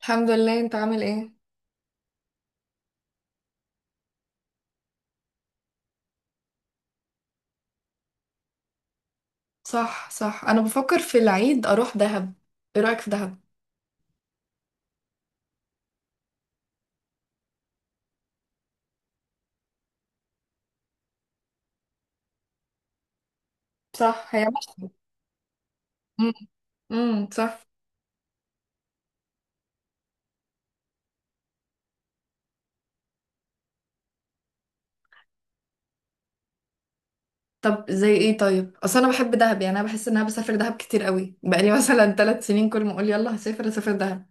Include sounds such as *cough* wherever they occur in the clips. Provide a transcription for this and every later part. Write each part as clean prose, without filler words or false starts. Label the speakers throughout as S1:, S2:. S1: الحمد لله. انت عامل ايه؟ صح، صح، انا بفكر في العيد اروح دهب. ايه رايك في دهب؟ صح، هي مش. امم، امم، صح. طب زي ايه؟ طيب اصل انا بحب دهب، يعني انا بحس ان انا بسافر دهب كتير قوي بقالي *laughs* مثلا 3 سنين، كل ما اقول يلا هسافر هسافر دهب.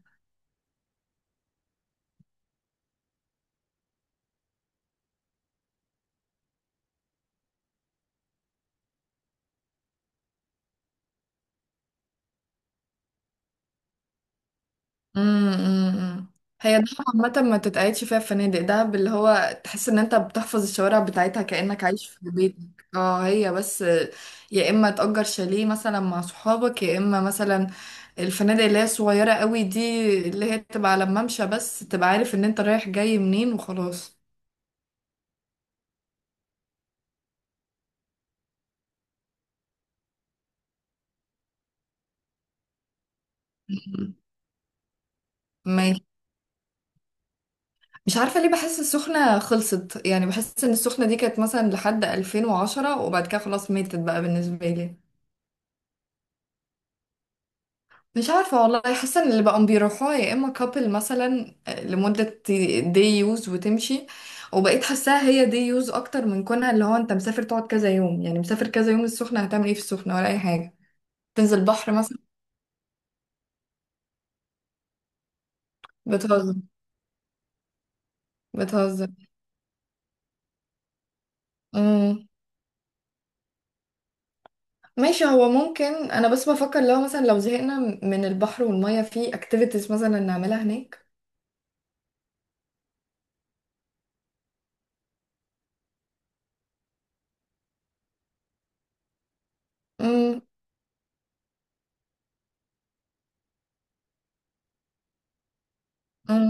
S1: أمم. امم. هي ده عامة ما تتقعدش فيها الفنادق، ده اللي هو تحس ان انت بتحفظ الشوارع بتاعتها كأنك عايش في بيتك. اه، هي بس يا اما تأجر شاليه مثلا مع صحابك، يا اما مثلا الفنادق اللي هي صغيرة قوي دي، اللي هي تبقى على الممشى، بس تبقى عارف ان انت رايح جاي منين وخلاص. *laughs* أمم. ماشي. مش عارفة ليه بحس السخنة خلصت، يعني بحس ان السخنة دي كانت مثلا لحد 2010، وبعد كده خلاص ماتت بقى بالنسبة لي. مش عارفة والله، حاسة ان اللي بقوا بيروحوها يا اما كابل مثلا لمدة، دي يوز وتمشي. وبقيت حاساها هي دي يوز اكتر من كونها اللي هو انت مسافر تقعد كذا يوم، يعني مسافر كذا يوم السخنة هتعمل ايه؟ في السخنة ولا اي حاجة، تنزل بحر مثلا. بتهزر. بتهزر. امم، ماشي. هو ممكن انا بس بفكر لو مثلا لو زهقنا من البحر والمية في اكتيفيتيز مثلا نعملها هناك. امم. امم.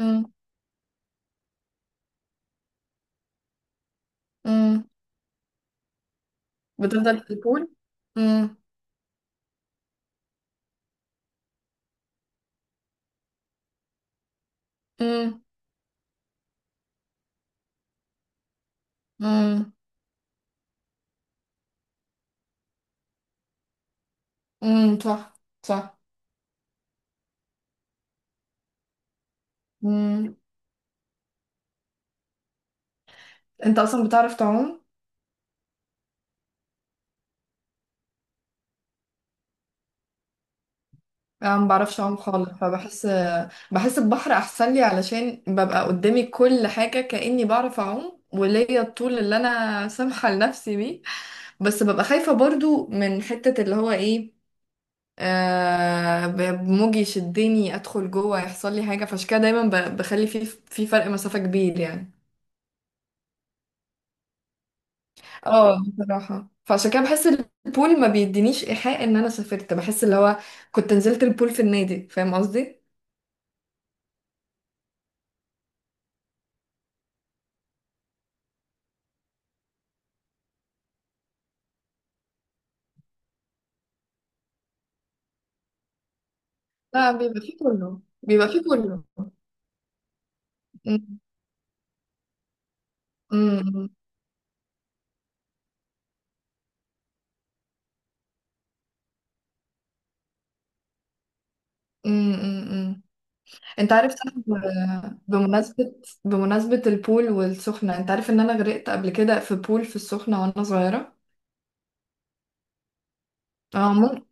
S1: امم. امم. بتفضل في البول؟ امم. امم. امم. امم، صح، صح. مم. انت اصلا بتعرف تعوم؟ انا ما بعرفش اعوم خالص فبحس. بحس البحر احسن لي علشان ببقى قدامي كل حاجه كاني بعرف اعوم، وليا الطول اللي انا سامحه لنفسي بيه. بس ببقى خايفه برضو من حته اللي هو ايه، موجي يشدني ادخل جوه يحصل لي حاجه، فعشان كده دايما بخلي في فرق مسافه كبير يعني. اه بصراحه، فعشان كده بحس البول ما بيدينيش ايحاء ان انا سافرت، بحس اللي هو كنت نزلت البول في النادي فاهم قصدي. لا بيبقى فيه كله، بيبقى فيه كله. أمم، أمم، أمم، أمم. انت عارف صح؟ بمناسبة، بمناسبة البول والسخنة، انت عارف ان انا غرقت قبل كده في بول في السخنة وانا صغيرة؟ اه ممكن،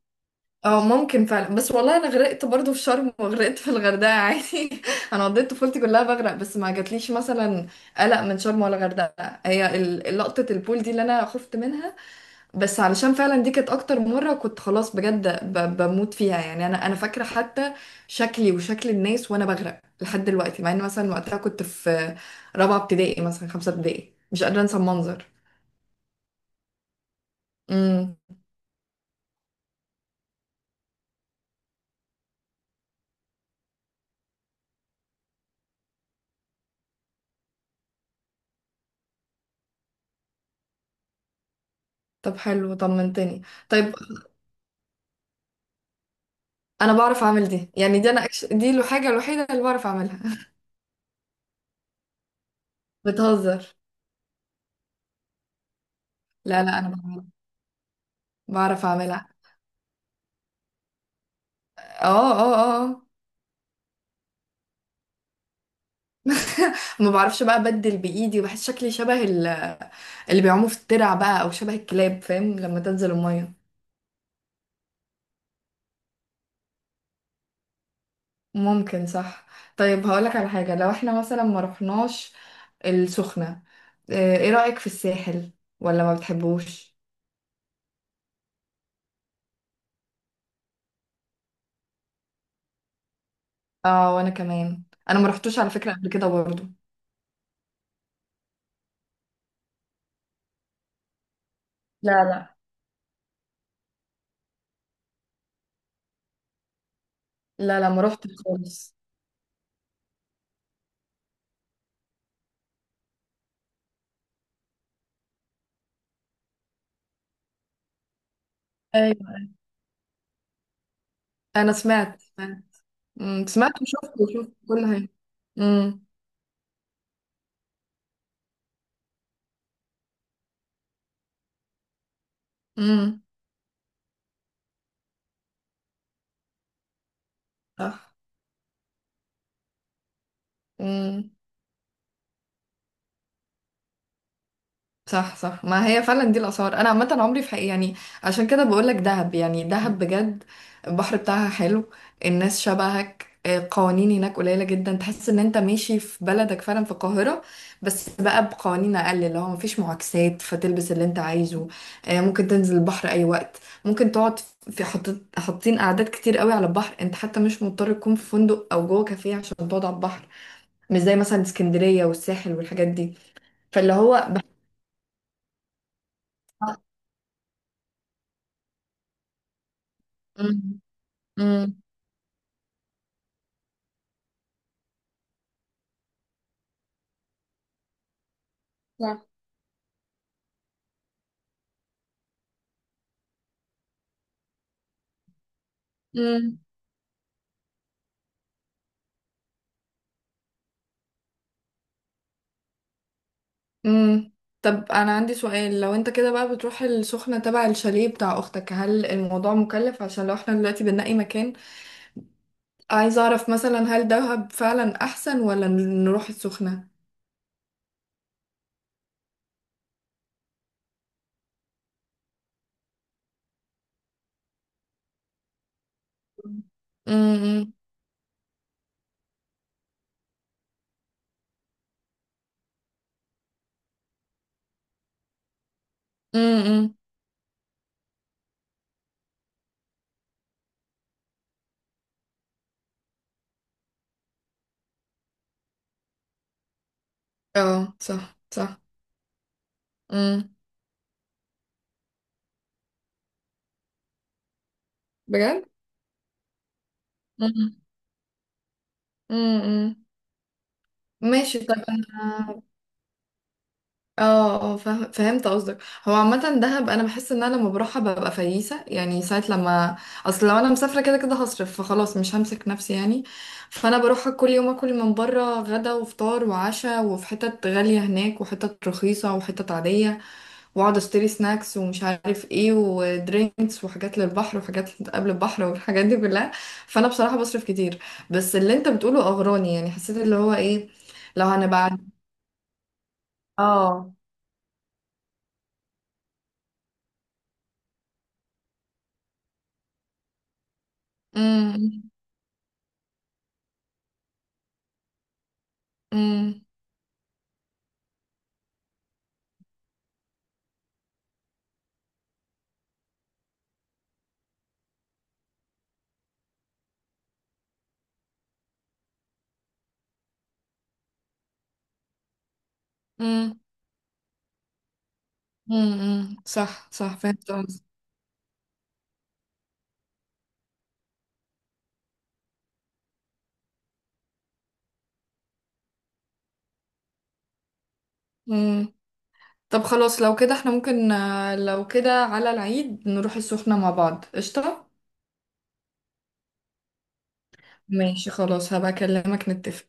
S1: اه ممكن فعلا، بس والله انا غرقت برضو في شرم وغرقت في الغردقة عادي. *laughs* انا قضيت طفولتي كلها بغرق، بس ما جاتليش مثلا قلق من شرم ولا غردقة، هي لقطة البول دي اللي انا خفت منها، بس علشان فعلا دي كانت اكتر مرة كنت خلاص بجد بموت فيها يعني. انا فاكرة حتى شكلي وشكل الناس وانا بغرق لحد دلوقتي، مع ان مثلا وقتها كنت في رابعة ابتدائي مثلا خمسة ابتدائي، مش قادرة انسى المنظر. امم. طب حلو، طمنتني. طيب انا بعرف اعمل دي، يعني دي دي الحاجة الوحيدة اللي بعرف اعملها. *laughs* بتهزر. لا، لا، انا بعملها. بعرف اعملها. اه، اه، اه آه. *laughs* ما بعرفش بقى، ابدل بايدي، بحس شكلي شبه اللي بيعوموا في الترع بقى او شبه الكلاب فاهم لما تنزل الميه. ممكن، صح. طيب هقولك على حاجه، لو احنا مثلا ما رحناش السخنه، ايه رايك في الساحل؟ ولا ما بتحبوش؟ اه وانا كمان، انا ما رحتوش على فكره قبل كده برضو. لا، لا. لا، لا، ما رحتش خالص. ايوه. انا سمعت، سمعت. أمم، سمعت وشفت، وشفت كل حاجه. امم. امم، صح. امم، صح، صح. ما هي فعلا دي الاسعار، انا عامه عمري في حقيقة يعني. عشان كده بقول لك دهب، يعني دهب بجد. البحر بتاعها حلو، الناس شبهك، قوانين هناك قليله جدا، تحس ان انت ماشي في بلدك فعلا في القاهره بس بقى بقوانين اقل، اللي هو مفيش معاكسات، فتلبس اللي انت عايزه، ممكن تنزل البحر اي وقت، ممكن تقعد في حط... حاطين قعدات كتير قوي على البحر، انت حتى مش مضطر تكون في فندق او جوه كافيه عشان تقعد على البحر. مش زي مثلا اسكندريه والساحل والحاجات دي. فاللي هو بحس. امم، صح. امم. امم. طب انا عندي سؤال، لو انت كده بقى بتروح السخنة تبع الشاليه بتاع اختك، هل الموضوع مكلف؟ عشان لو احنا دلوقتي بنلاقي مكان، عايزة اعرف مثلا هل دهب فعلا احسن ولا نروح السخنة. امم. امم. اه صح، صح. امم، بجد. امم. امم، ماشي. طب انا، اه، اه، فاهم، فهمت قصدك. هو عامة دهب انا بحس ان انا لما بروحها ببقى فييسة، يعني ساعة لما اصل لو انا مسافرة كده كده هصرف، فخلاص مش همسك نفسي يعني. فانا بروحها كل يوم اكل من بره، غدا وفطار وعشاء، وفي حتت غالية هناك وحتت رخيصة وحتت عادية، واقعد اشتري سناكس ومش عارف ايه ودرينكس وحاجات للبحر وحاجات قبل البحر والحاجات دي كلها، فانا بصراحة بصرف كتير. بس اللي انت بتقوله اغراني، يعني حسيت اللي هو ايه، لو هنبقى. اه. امم. امم. امم. امم، صح، صح، فهمت قصدي. امم. طب خلاص، لو كده احنا ممكن، لو كده على العيد نروح السخنة مع بعض قشطة. ماشي خلاص، هبقى اكلمك نتفق.